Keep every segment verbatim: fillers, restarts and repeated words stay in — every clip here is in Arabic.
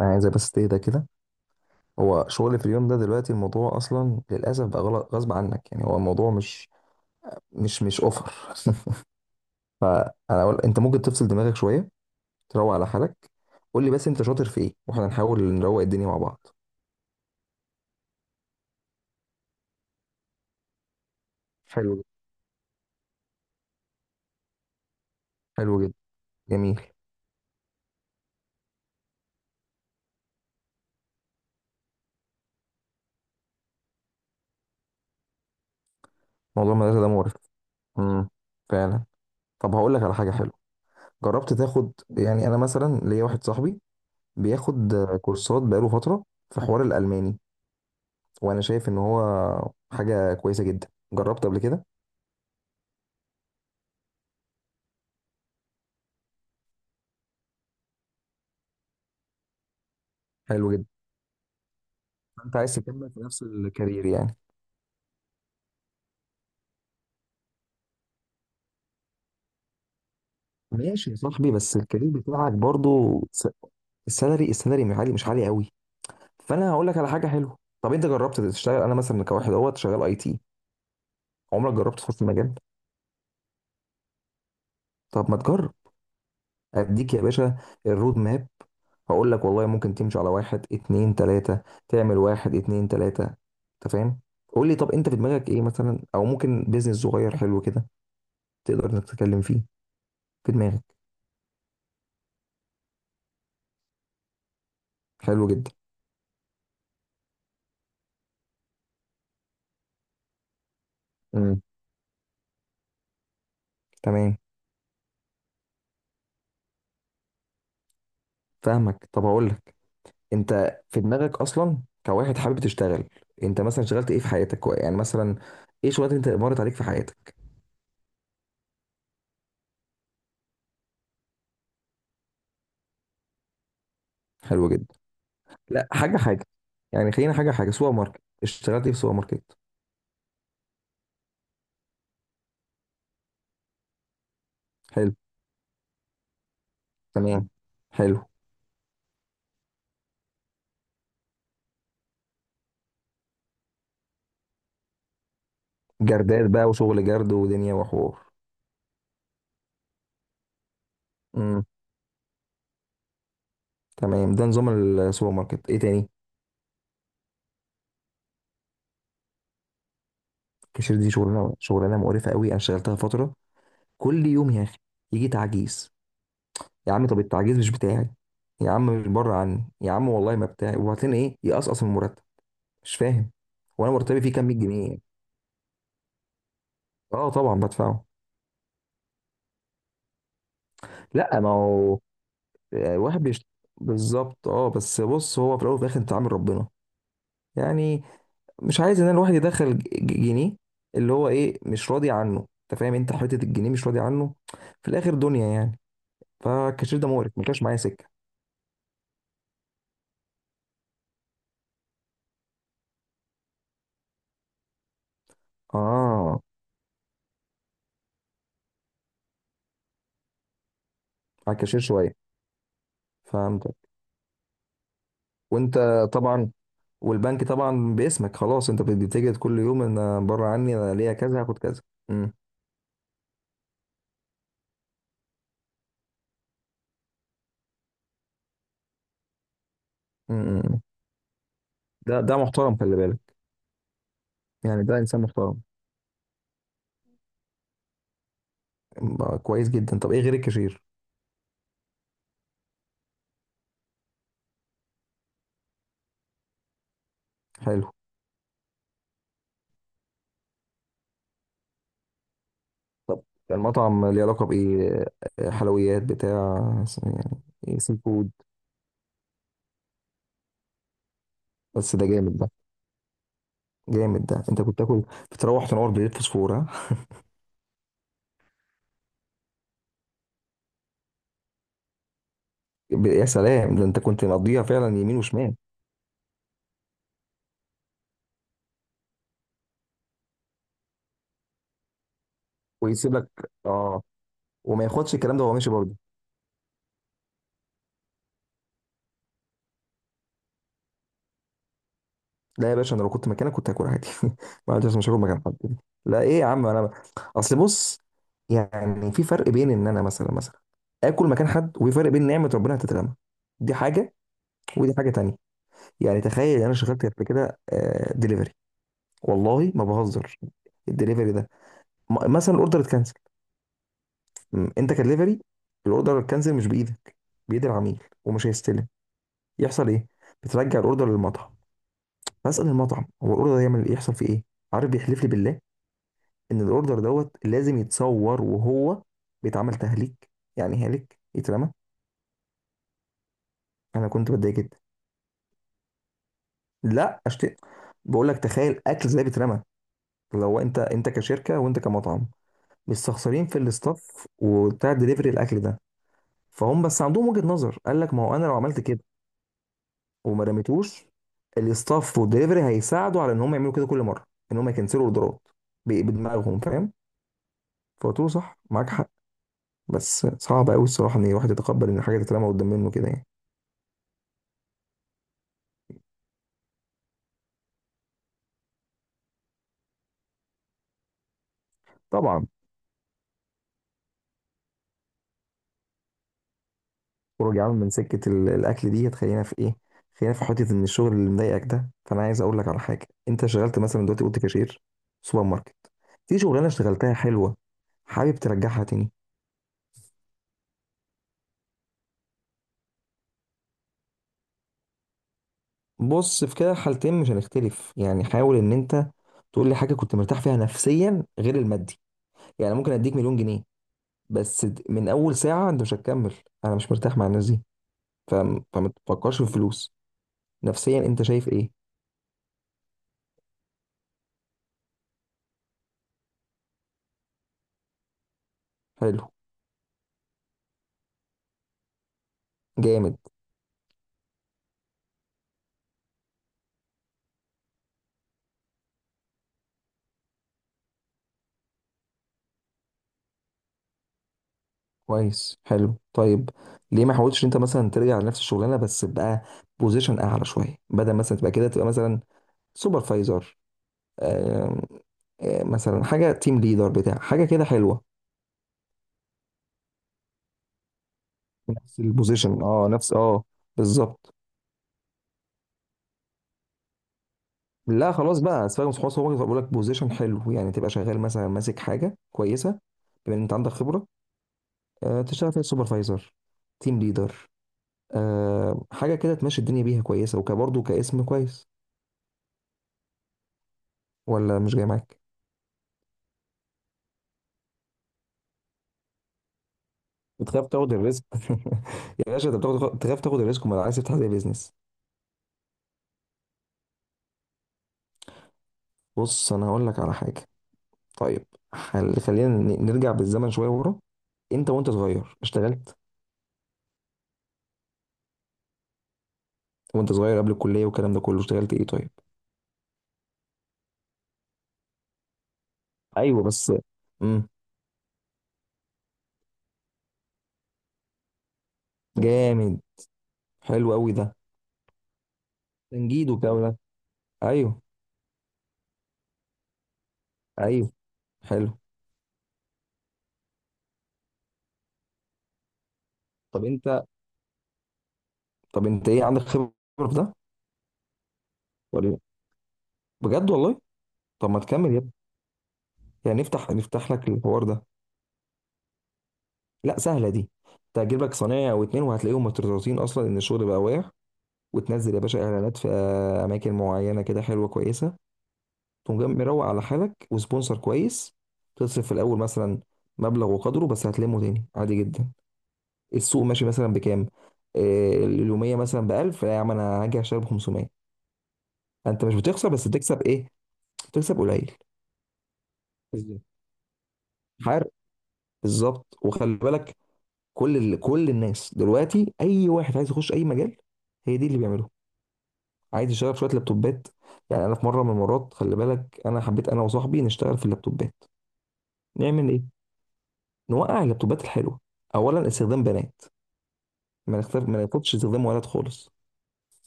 انا عايزه بس تهدى كده. هو شغل في اليوم ده دلوقتي الموضوع اصلا للاسف بقى غلط غصب عنك، يعني هو الموضوع مش مش مش اوفر. فانا أقول انت ممكن تفصل دماغك شويه، تروق على حالك. قول لي بس انت شاطر في ايه واحنا نحاول نروق الدنيا مع بعض. حلو جدا، حلو جدا، جميل. موضوع المدرسه ده مقرف. امم، فعلا. طب هقول لك على حاجه حلوه. جربت تاخد، يعني انا مثلا ليا واحد صاحبي بياخد كورسات بقاله فتره في حوار الالماني، وانا شايف ان هو حاجه كويسه جدا. جربت قبل كده؟ حلو جدا. انت عايز تكمل في نفس الكارير يعني؟ ماشي يا صاحبي، بس الكارير بتاعك برضو س- السالري السالري مش عالي، مش عالي قوي. فانا هقول لك على حاجه حلوه. طب انت جربت تشتغل، انا مثلا كواحد اهوت شغال اي تي. عمرك جربت تخش المجال؟ طب ما تجرب. اديك يا باشا الرود ماب. هقول لك والله ممكن تمشي على واحد اتنين تلاته، تعمل واحد اتنين تلاته، انت فاهم. قول لي، طب انت في دماغك ايه مثلا، او ممكن بيزنس صغير حلو كده تقدر انك تتكلم فيه، في دماغك؟ حلو جدا. امم، تمام. فاهمك. طب هقول لك، انت في دماغك اصلا كواحد حابب تشتغل، انت مثلا اشتغلت ايه في حياتك، يعني مثلا ايه شغلات انت مرت عليك في حياتك؟ حلو جدا. لا، حاجه حاجه، يعني خلينا حاجه حاجه. سوبر ماركت، اشتغلت ايه في سوبر ماركت؟ حلو، تمام، حلو. جردات بقى وشغل جرد ودنيا وحوار. امم، تمام. ده نظام السوبر ماركت. ايه تاني؟ كاشير دي شغلانه شغلانه مقرفه قوي، انا اشتغلتها فتره. كل يوم يا اخي يجي تعجيز، يا عم طب التعجيز مش بتاعي، يا عم مش بره عني، يا عم والله ما بتاعي، وبعدين ايه يقصقص من المرتب؟ مش فاهم. وانا مرتبي فيه كام، مئة جنيه يعني. اه طبعا بدفعه. لا، ما هو آه، واحد بيشت... بالظبط. اه، بس بص، هو في الاول وفي الاخر انت عامل ربنا يعني، مش عايز ان الواحد يدخل ج- ج- جنيه اللي هو ايه مش راضي عنه، انت فاهم؟ انت حته الجنيه مش راضي عنه في الاخر، دنيا يعني. فالكاشير ده مقرف، ما كانش معايا سكه. اه، على الكاشير شويه. فهمتك. وانت طبعا. والبنك طبعا باسمك، خلاص، انت بتتجد كل يوم ان بره عني، انا ليا كذا هاخد كذا. امم، امم، امم. ده ده محترم، خلي بالك، يعني ده انسان محترم. بقى كويس جدا. طب ايه غير الكاشير؟ حلو. المطعم ليه علاقه بايه؟ آه، حلويات بتاع يعني؟ ايه سي فود؟ بس ده جامد، ده جامد، ده انت كنت تاكل؟ بتروح تنور بليت فوسفور، ها. ب- يا سلام، ده انت كنت مقضيها فعلا يمين وشمال. ويسيب لك، اه. وما ياخدش الكلام ده وهو ماشي برضه؟ لا يا باشا، انا لو كنت مكانك كنت هاكل عادي. ما عنديش مشاكل مكان حد. لا ايه يا عم، انا اصل بص، يعني في فرق بين ان انا مثلا مثلا اكل مكان حد، وفي فرق بين نعمه ربنا هتترمى، دي حاجه ودي حاجه تانية. يعني تخيل، انا شغلت قبل كده دليفري، والله ما بهزر. الدليفري ده م- مثلا الاوردر اتكنسل، م، انت كدليفري، الاوردر اتكنسل مش بايدك، بايد العميل، ومش هيستلم. يحصل ايه؟ بترجع الاوردر للمطعم، بسأل المطعم هو الاوردر ده يعمل يحصل فيه ايه، عارف بيحلف لي بالله ان الاوردر دوت لازم يتصور، وهو بيتعمل تهليك، يعني هالك يترمى، انا كنت بتضايق جدا. لا، اشتري، بقول لك تخيل اكل زي بيترمى. لو انت، انت كشركه وانت كمطعم، مستخسرين في الاستاف وبتاع دليفري الاكل ده. فهم، بس عندهم وجهه نظر، قال لك ما هو انا لو عملت كده وما رميتوش، الاستاف والدليفري هيساعدوا على ان هم يعملوا كده كل مره، ان هم يكنسلوا اوردرات ب- بدماغهم، فاهم. فقلت له صح، معاك حق، بس صعب قوي الصراحه ان الواحد يتقبل ان حاجه تترمى قدام منه كده يعني. طبعا. خروج يا عم من سكه ال- الاكل دي هتخلينا في ايه. خلينا في حته ان الشغل اللي مضايقك ده، فانا عايز اقول لك على حاجه. انت شغلت مثلا دلوقتي، قلت كاشير، سوبر ماركت. في شغلانه اشتغلتها حلوه حابب ترجعها تاني؟ بص في كده حالتين، مش هنختلف يعني. حاول ان انت تقول لي حاجه كنت مرتاح فيها نفسيا غير المادي. يعني ممكن اديك مليون جنيه بس د- من اول ساعه انت مش هتكمل، انا مش مرتاح مع الناس دي، فم- فما تفكرش في الفلوس، نفسيا انت شايف ايه؟ حلو، جامد، كويس، حلو، طيب. ليه ما حاولتش انت مثلا ترجع لنفس الشغلانه، بس بقى بوزيشن اعلى شويه، بدل مثلا تبقى كده تبقى مثلا سوبرفايزر، آم، آه، مثلا حاجه تيم ليدر بتاع، حاجه كده حلوه. نفس البوزيشن، اه، نفس، اه، بالظبط. لا خلاص بقى، سيبك من خلاص، هو بيقول لك بوزيشن حلو، يعني تبقى شغال مثلا ماسك حاجه كويسه بما ان انت عندك خبره، آه، تشتغل فيها سوبرفايزر، تيم ليدر، حاجه كده تمشي الدنيا بيها كويسه وكبرضه كاسم كويس. ولا مش جاي معاك؟ بتخاف تاخد الريسك؟ يا باشا، انت بتاخد، تخاف تاخد الريسك وما عايز تفتح زي بيزنس؟ بص انا هقول لك على حاجه، طيب. حل... خلينا ن- نرجع بالزمن شويه ورا. انت وانت صغير اشتغلت. وانت صغير قبل الكليه والكلام ده كله اشتغلت ايه طيب؟ ايوه بس. امم. جامد، حلو قوي ده. تنجيد وبتاع ده. ايوه، ايوه، حلو. طب انت، طب انت ايه عندك خبره في ده ولا إيه؟ بجد والله؟ طب ما تكمل يا ابني، يعني نفتح، نفتح لك الحوار ده. لا سهله دي. انت هتجيب لك صنايعي او اتنين وهتلاقيهم مترططين اصلا ان الشغل بقى واقع، وتنزل يا باشا اعلانات في آه، اماكن معينه كده حلوه كويسه، تقوم جاي مروق على حالك وسبونسر كويس، تصرف في الاول مثلا مبلغ وقدره بس هتلمه تاني عادي جدا. السوق ماشي مثلا بكام؟ آه، اليوميه مثلا ب ألف، لا يا عم انا هاجي اشتري ب خمسمائة. انت مش بتخسر، بس بتكسب ايه؟ بتكسب قليل. بالظبط. حارق، بالظبط. وخلي بالك، كل ال... كل الناس دلوقتي اي واحد عايز يخش اي مجال، هي دي اللي بيعمله. عايز اشتغل في شويه لابتوبات، يعني انا في مره من المرات خلي بالك، انا حبيت انا وصاحبي نشتغل في اللابتوبات. نعمل ايه؟ نوقع اللابتوبات الحلوه. اولا، استخدام بنات، ما نختار، ما ناخدش استخدام ولد خالص،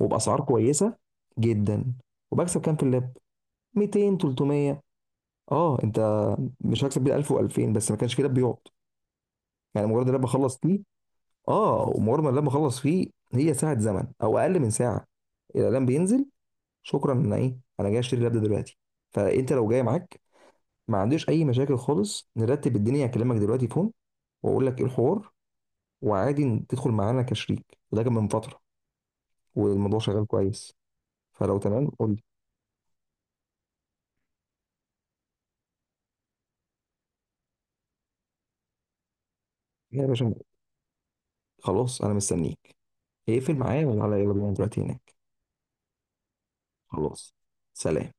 وباسعار كويسه جدا. وبكسب كام في اللاب؟ ميتين، تلتمية. اه انت مش هكسب بيه ألف و2000، بس ما كانش في لاب بيقعد، يعني مجرد اللاب بخلص فيه، اه، ومجرد ما اللاب بخلص فيه، هي ساعه زمن او اقل من ساعه، الاعلان بينزل، شكرا انا ايه، انا جاي اشتري اللاب ده دلوقتي. فانت لو جاي معاك، ما عنديش اي مشاكل خالص، نرتب الدنيا، هكلمك دلوقتي فون واقول لك ايه الحوار، وعادي إن تدخل معانا كشريك. وده كان من فتره، والموضوع شغال كويس. فلو تمام قول لي. يا باشا، خلاص انا مستنيك. اقفل معايا وتعالى، يلا بينا دلوقتي هناك. خلاص، سلام.